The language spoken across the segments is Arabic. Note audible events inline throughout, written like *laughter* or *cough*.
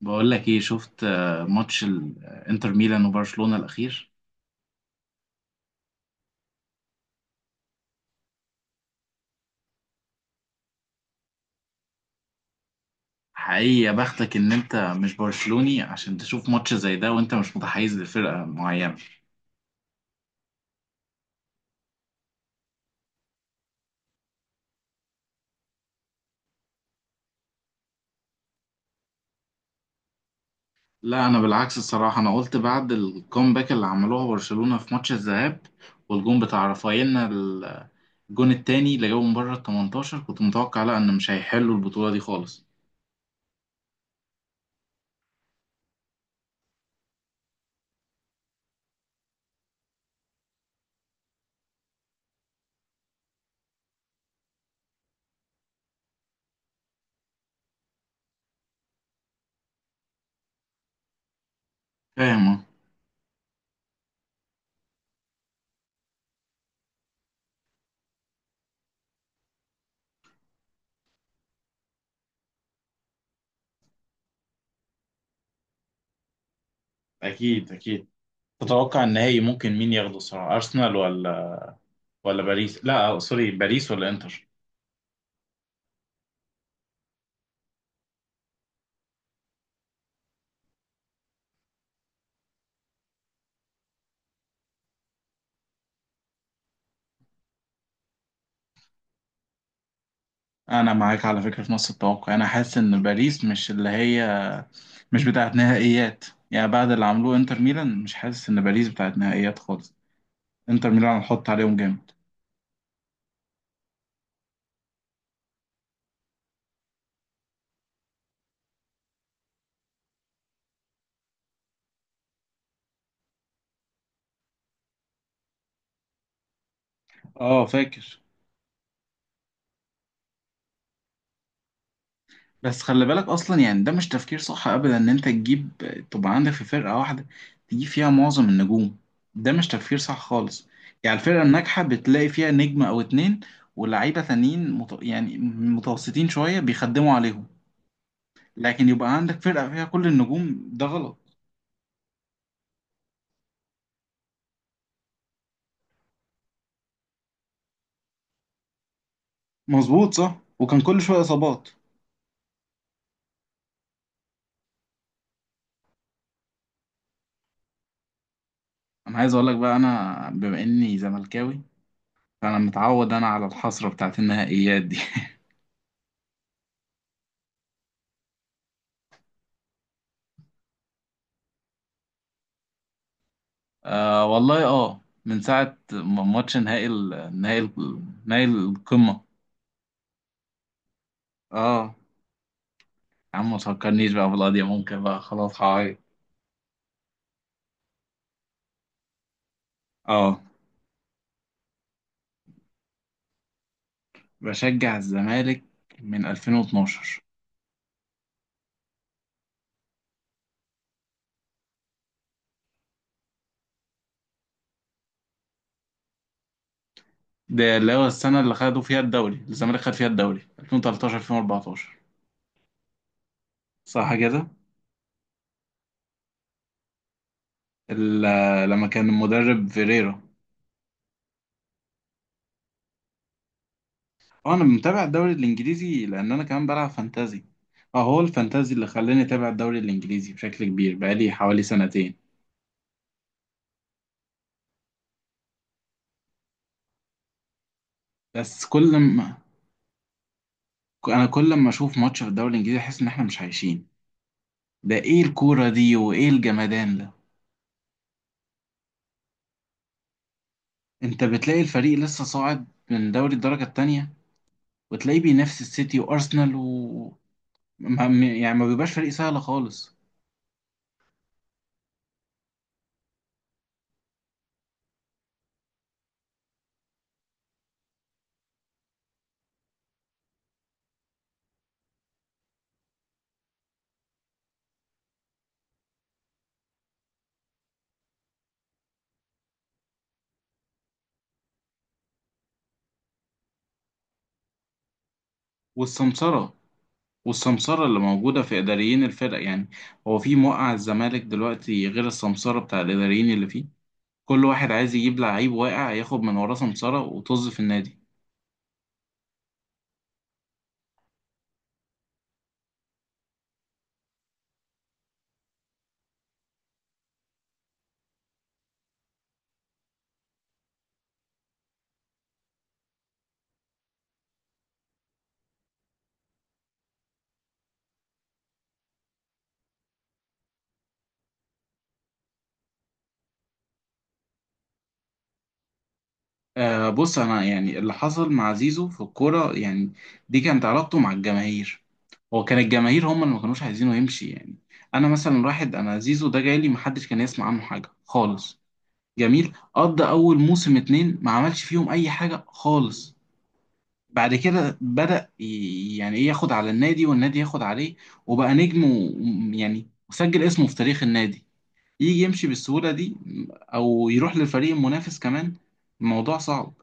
بقول لك ايه؟ شفت ماتش انتر ميلان وبرشلونة الاخير؟ حقيقي يا بختك ان انت مش برشلوني عشان تشوف ماتش زي ده وانت مش متحيز لفرقة معينة. لا انا بالعكس الصراحة، انا قلت بعد الكومباك اللي عملوها برشلونة في ماتش الذهاب والجون بتاع رافاييلنا الجون التاني اللي جابه من بره ال 18، كنت متوقع لا ان مش هيحلوا البطولة دي خالص. فاهم، أه. اكيد اكيد. تتوقع النهائي ممكن مين ياخده الصراحة؟ ارسنال ولا باريس؟ لا سوري، باريس ولا انتر؟ انا معاك على فكره في نص التوقع، انا حاسس ان باريس مش اللي هي مش بتاعت نهائيات. يعني بعد اللي عملوه انتر ميلان، مش حاسس ان باريس بتاعت نهائيات خالص. انتر ميلان هنحط عليهم جامد. اه فاكر. بس خلي بالك اصلا، يعني ده مش تفكير صح ابدا ان انت تجيب، تبقى عندك في فرقه واحده تجيب فيها معظم النجوم. ده مش تفكير صح خالص. يعني الفرقه الناجحه بتلاقي فيها نجم او اتنين، ولاعيبه تانيين يعني متوسطين شويه بيخدموا عليهم. لكن يبقى عندك فرقه فيها كل النجوم، ده غلط. مظبوط، صح وكان كل شويه اصابات. انا عايز اقول لك بقى، انا بما اني زملكاوي فانا متعود انا على الحسره بتاعت النهائيات دي. *laughs* آه والله. اه، من ساعه ماتش نهائي نهائي نهائي القمه. اه يا عم، ما تفكرنيش بقى بالقضيه ممكن بقى، خلاص هعيط. اه، بشجع الزمالك من 2012. ده اللي هو السنه اللي خدوا فيها الدوري، الزمالك خد فيها الدوري 2013 2014، صح كده. لما كان المدرب فيريرا. اه انا متابع الدوري الانجليزي، لان انا كمان بلعب فانتازي. اه، هو الفانتازي اللي خلاني اتابع الدوري الانجليزي بشكل كبير بقالي حوالي سنتين. بس كل ما انا كل ما اشوف ماتش في الدوري الانجليزي احس ان احنا مش عايشين. ده ايه الكورة دي وايه الجمدان ده؟ انت بتلاقي الفريق لسه صاعد من دوري الدرجة التانية، وتلاقيه بينافس السيتي وارسنال و يعني ما بيبقاش فريق سهل خالص. والسمسرة، والسمسرة اللي موجودة في إداريين الفرق يعني. هو في موقع الزمالك دلوقتي غير السمسرة بتاع الإداريين اللي فيه؟ كل واحد عايز يجيب لعيب واقع ياخد من وراه سمسرة وطز في النادي. آه بص، أنا يعني اللي حصل مع زيزو في الكورة يعني دي كانت علاقته مع الجماهير. هو كان الجماهير هم اللي ما كانوش عايزينه يمشي يعني. أنا مثلا واحد، أنا زيزو ده جاي لي محدش كان يسمع عنه حاجة خالص. جميل، قضى أول موسم اتنين ما عملش فيهم أي حاجة خالص. بعد كده بدأ يعني ايه ياخد على النادي والنادي ياخد عليه، وبقى نجم يعني وسجل اسمه في تاريخ النادي. يجي يمشي بالسهولة دي، او يروح للفريق المنافس كمان؟ الموضوع صعب.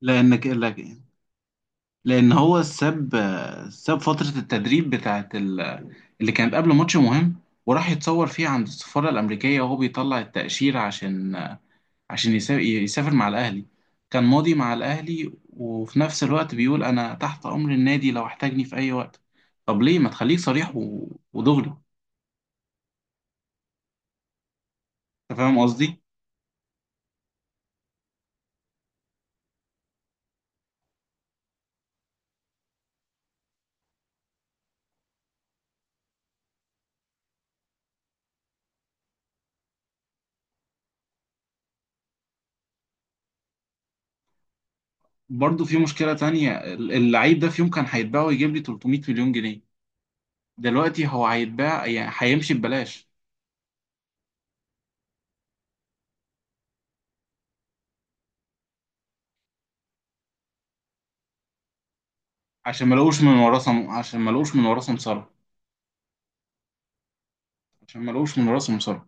لان ك- لك- لان هو ساب، ساب فترة التدريب بتاعت اللي كانت قبل ماتش مهم، وراح يتصور فيها عند السفارة الأمريكية وهو بيطلع التأشيرة عشان، عشان يسافر مع الأهلي. كان ماضي مع الأهلي وفي نفس الوقت بيقول أنا تحت أمر النادي لو احتاجني في أي وقت. طب ليه ما تخليك صريح و... ودغري؟ أنت فاهم قصدي؟ برضه في مشكلة تانية، اللعيب ده في يوم كان هيتباع ويجيب لي 300 مليون جنيه. دلوقتي هو هيتباع يعني هيمشي ببلاش. عشان ما لقوش من وراه سمسرة، عشان ما لقوش من وراه سمسرة.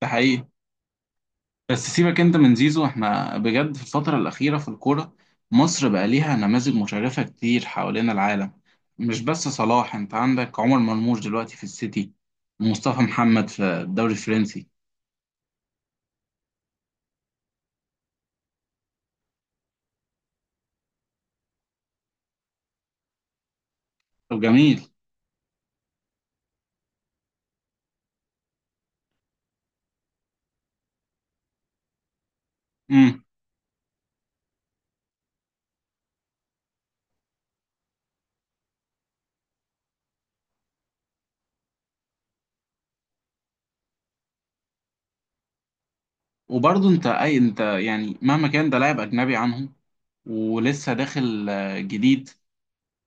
ده حقيقي. بس سيبك انت من زيزو، احنا بجد في الفترة الأخيرة في الكورة مصر بقى ليها نماذج مشرفة كتير حوالين العالم. مش بس صلاح، انت عندك عمر مرموش دلوقتي في السيتي، ومصطفى محمد في الدوري الفرنسي. طب جميل. امم. وبرضه انت، اي انت يعني مهما كان ده لاعب أجنبي عنهم، ولسه داخل جديد،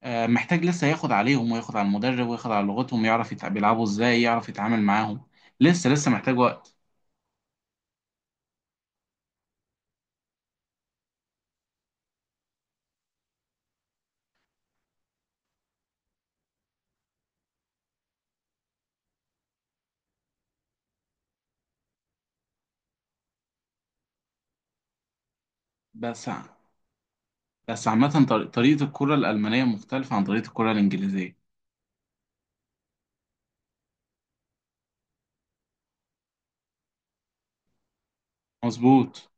محتاج لسه ياخد عليهم وياخد على المدرب وياخد على لغتهم، يعرف بيلعبوا ازاي، يعرف يتعامل معاهم. لسه لسه محتاج وقت. بس بس عامة طريقة الكرة الألمانية مختلفة عن طريقة الكرة الإنجليزية. مظبوط.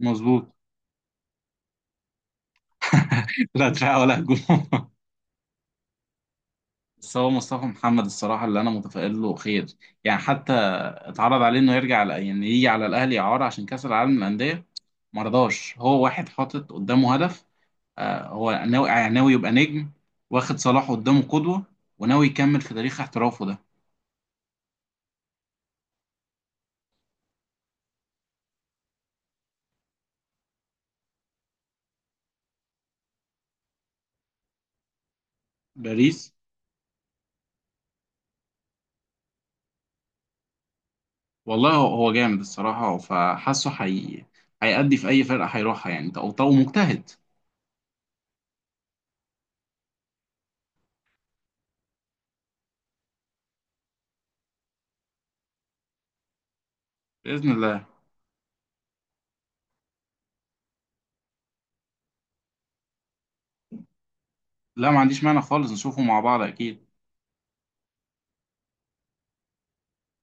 مظبوط. *laughs* لا دفاع ولا هجوم. بس هو مصطفى محمد الصراحة اللي أنا متفائل له خير. يعني حتى اتعرض عليه إنه يرجع على، يعني يجي على الأهلي إعارة عشان كأس العالم للأندية، ما رضاش. هو واحد حاطط قدامه هدف. آه هو ناوي يعني ناوي يبقى نجم، واخد صلاح قدامه قدوة، وناوي يكمل في تاريخ احترافه ده. باريس. والله هو هو جامد الصراحة، فحاسه هيأدي في أي فرقة هيروحها يعني، أو طو مجتهد. بإذن الله. لا ما عنديش مانع خالص، نشوفه مع بعض أكيد.